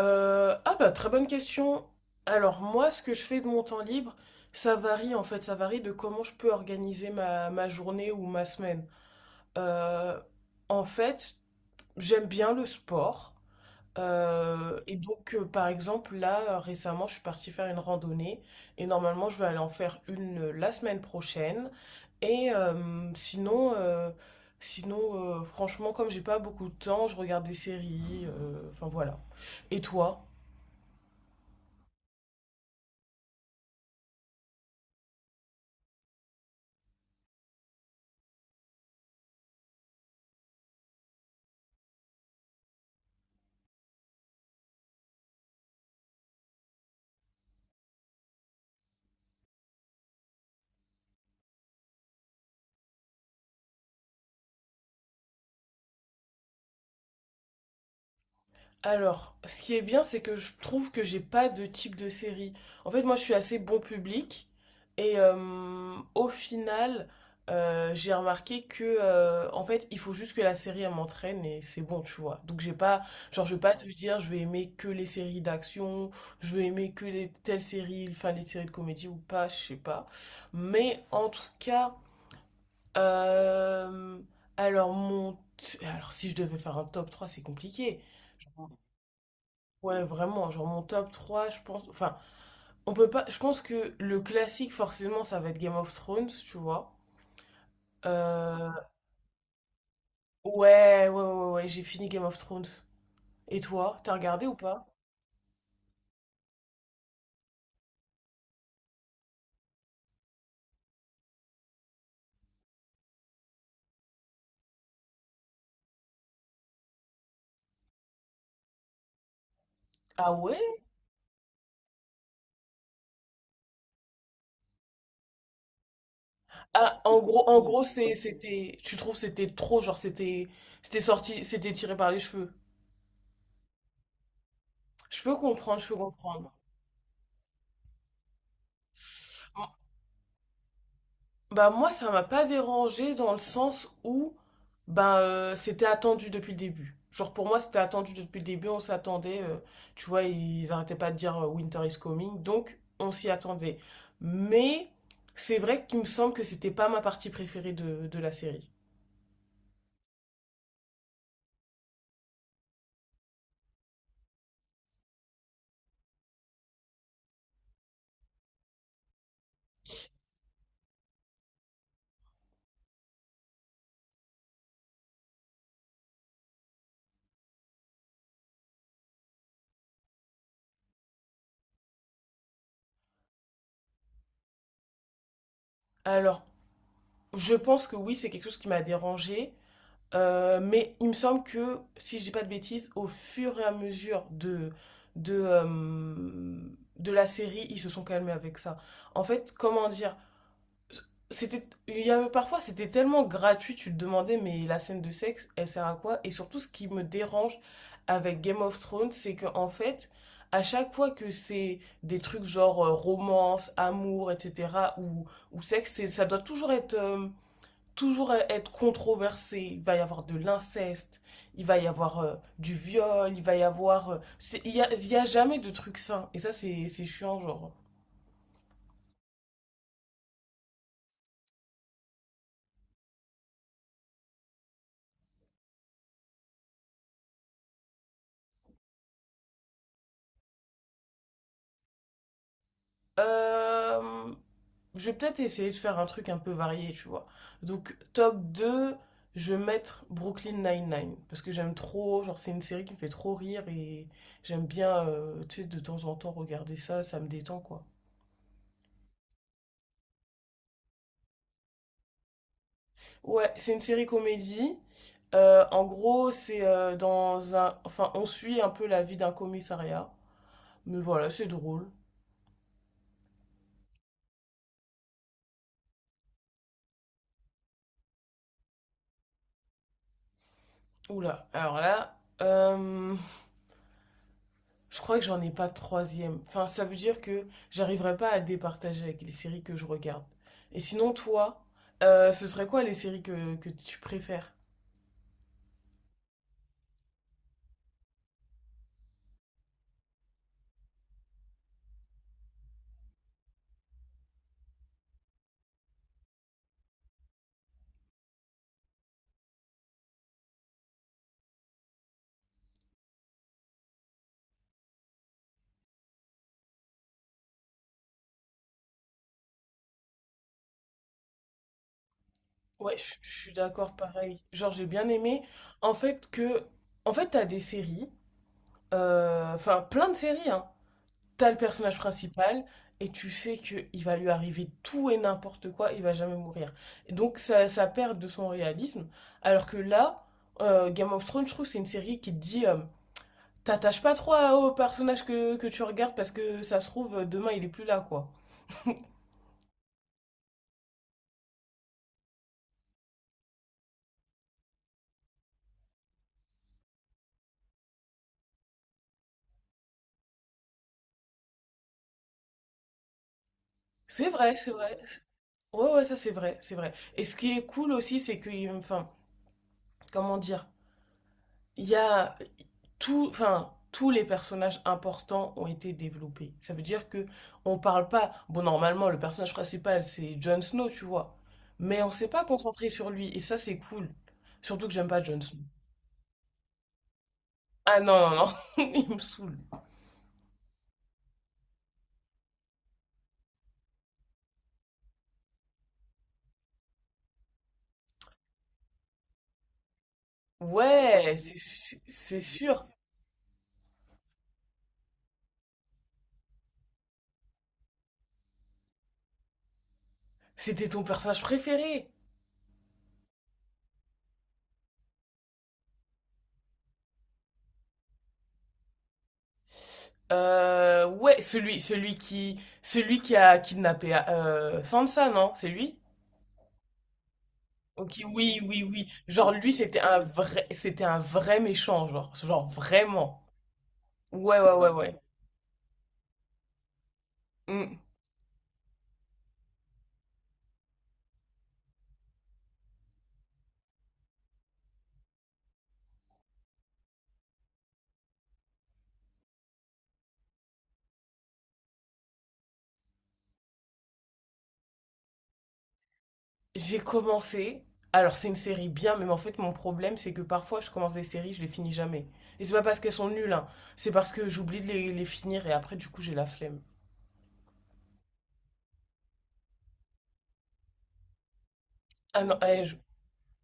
Ah bah très bonne question. Alors moi, ce que je fais de mon temps libre, ça varie en fait, ça varie de comment je peux organiser ma journée ou ma semaine. Euh, en fait, j'aime bien le sport. Par exemple, là, récemment, je suis partie faire une randonnée et normalement, je vais aller en faire une la semaine prochaine. Et sinon, sinon franchement, comme j'ai pas beaucoup de temps, je regarde des séries. Enfin voilà. Et toi? Alors, ce qui est bien, c'est que je trouve que j'ai pas de type de série. En fait, moi, je suis assez bon public et au final, j'ai remarqué que en fait, il faut juste que la série elle m'entraîne et c'est bon, tu vois. Donc, j'ai pas, genre, je vais pas te dire, je vais aimer que les séries d'action, je vais aimer que les telles séries, enfin les séries de comédie ou pas, je sais pas. Mais en tout cas, euh, alors mon, alors si je devais faire un top 3, c'est compliqué. Ouais, vraiment, genre mon top 3 je pense. Enfin, on peut pas. Je pense que le classique, forcément, ça va être Game of Thrones, tu vois. Euh, Ouais, ouais, ouais, ouais, ouais, j'ai fini Game of Thrones. Et toi, t'as regardé ou pas? Ah ouais? Ah, en gros, c'est- c'était. Tu trouves c'était trop, genre, c'était. C'était sorti, c'était tiré par les cheveux. Je peux comprendre, je peux comprendre. Bah moi ça m'a pas dérangé dans le sens où c'était attendu depuis le début. Genre pour moi c'était attendu depuis le début, on s'attendait, tu vois, ils arrêtaient pas de dire Winter is coming, donc on s'y attendait. Mais c'est vrai qu'il me semble que c'était pas ma partie préférée de la série. Alors je pense que oui c'est quelque chose qui m'a dérangé. Mais il me semble que, si je dis pas de bêtises, au fur et à mesure de, euh, de la série, ils se sont calmés avec ça. En fait, comment dire, c'était, il y avait parfois, c'était tellement gratuit, tu te demandais, mais la scène de sexe, elle sert à quoi? Et surtout, ce qui me dérange avec Game of Thrones, c'est que, en fait, à chaque fois que c'est des trucs genre romance, amour, etc., ou, ou sexe, ça doit toujours être controversé. Il va y avoir de l'inceste, il va y avoir du viol, il va y avoir... il y a jamais de truc sain. Et ça, c'est chiant, genre. Euh, je vais peut-être essayer de faire un truc un peu varié, tu vois. Donc, top 2, je vais mettre Brooklyn Nine-Nine. Parce que j'aime trop, genre, c'est une série qui me fait trop rire et j'aime bien, tu sais, de temps en temps regarder ça, ça me détend, quoi. Ouais, c'est une série comédie. En gros, c'est dans un... Enfin, on suit un peu la vie d'un commissariat. Mais voilà, c'est drôle. Oula, alors là, je crois que j'en ai pas de troisième. Enfin, ça veut dire que j'arriverai pas à départager avec les séries que je regarde. Et sinon, toi, ce serait quoi les séries que tu préfères? Ouais, je suis d'accord, pareil. Genre, j'ai bien aimé. En fait, que... En fait, t'as des séries, enfin, plein de séries, hein. T'as le personnage principal et tu sais que il va lui arriver tout et n'importe quoi, il va jamais mourir. Et donc ça perd de son réalisme. Alors que là, Game of Thrones, je trouve, c'est une série qui te dit, t'attaches pas trop au personnage que tu regardes parce que ça se trouve, demain il est plus là, quoi. C'est vrai, c'est vrai. Ouais, ouais, ça c'est vrai, c'est vrai. Et ce qui est cool aussi, c'est que, enfin, comment dire? Il y a tout, enfin, tous les personnages importants ont été développés. Ça veut dire que on parle pas. Bon, normalement, le personnage principal, c'est Jon Snow, tu vois. Mais on s'est pas concentré sur lui. Et ça, c'est cool. Surtout que j'aime pas Jon Snow. Ah non, non, non. Il me saoule. Ouais, c'est sûr. C'était ton personnage préféré. Ouais, celui qui a kidnappé Sansa, non? C'est lui? Ok, oui, oui, oui. Genre lui, c'était un vrai méchant, genre, genre vraiment. Ouais, ouais, ouais, ouais. Mm. J'ai commencé. Alors c'est une série bien, mais en fait mon problème c'est que parfois je commence des séries, je les finis jamais. Et c'est pas parce qu'elles sont nulles, hein. C'est parce que j'oublie de les finir et après du coup j'ai la flemme. Ah non,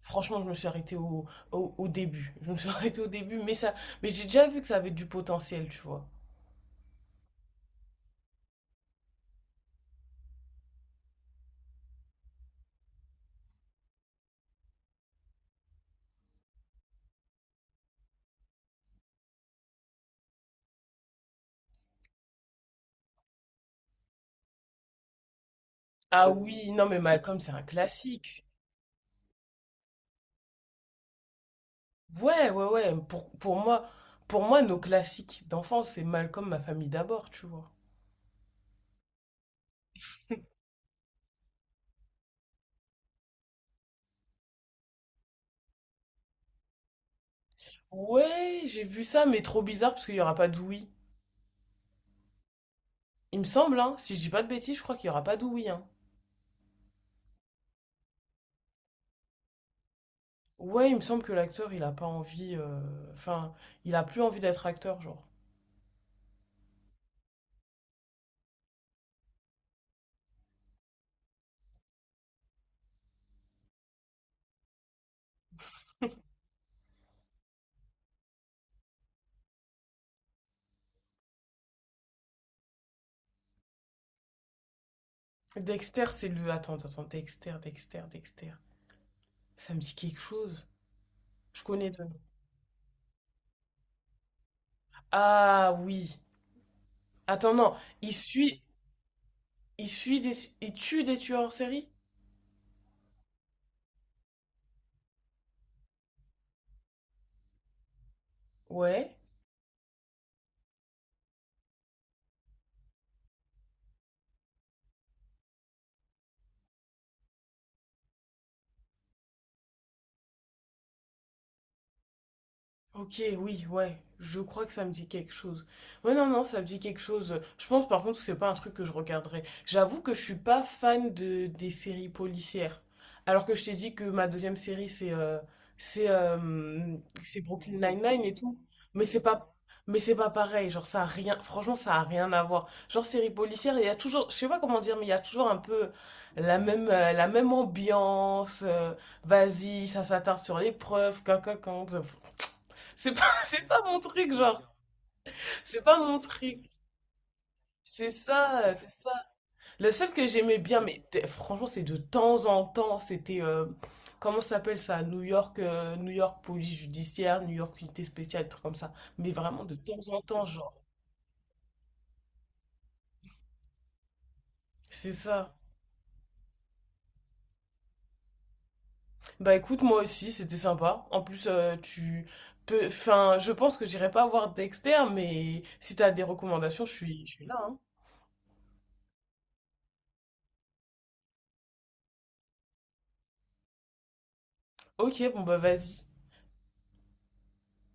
franchement je me suis arrêtée au début. Je me suis arrêtée au début, mais j'ai déjà vu que ça avait du potentiel, tu vois. Ah oui, non mais Malcolm c'est un classique. Ouais, ouais, ouais. Pour moi, nos classiques d'enfance, c'est Malcolm, ma famille d'abord, tu vois. Ouais, j'ai vu ça, mais trop bizarre parce qu'il n'y aura pas d'Ouïe. Il me semble, hein. Si je dis pas de bêtises, je crois qu'il n'y aura pas d'Ouïe, hein. Ouais, il me semble que l'acteur, il a pas envie. Enfin, il a plus envie d'être acteur, genre. Dexter, c'est le. Attends, attends, Dexter, Dexter, Dexter. Ça me dit quelque chose. Je connais le nom. Ah oui. Attends, non. Il suit. Il suit des. Il tue des tueurs en série? Ouais. Ok, oui, ouais, je crois que ça me dit quelque chose. Ouais, non, non, ça me dit quelque chose. Je pense par contre que c'est pas un truc que je regarderais. J'avoue que je suis pas fan de des séries policières. Alors que je t'ai dit que ma deuxième série c'est euh, c'est Brooklyn Nine-Nine et tout. Mais c'est pas mais c'est pas pareil, genre ça a rien franchement ça a rien à voir. Genre série policière, il y a toujours je sais pas comment dire mais il y a toujours un peu la même ambiance. Vas-y, ça s'attarde sur les preuves, quand c'est pas, c'est pas mon truc, genre. C'est pas mon truc. C'est ça, c'est ça. Le seul que j'aimais bien, mais franchement, c'est de temps en temps, c'était, comment ça s'appelle ça? New York, New York police judiciaire, New York unité spéciale, truc comme ça. Mais vraiment de temps en temps, genre. C'est ça. Bah écoute, moi aussi, c'était sympa. En plus, tu peux, enfin, je pense que j'irai pas voir Dexter, mais si t'as des recommandations, je suis là, hein. Ok, bon bah vas-y.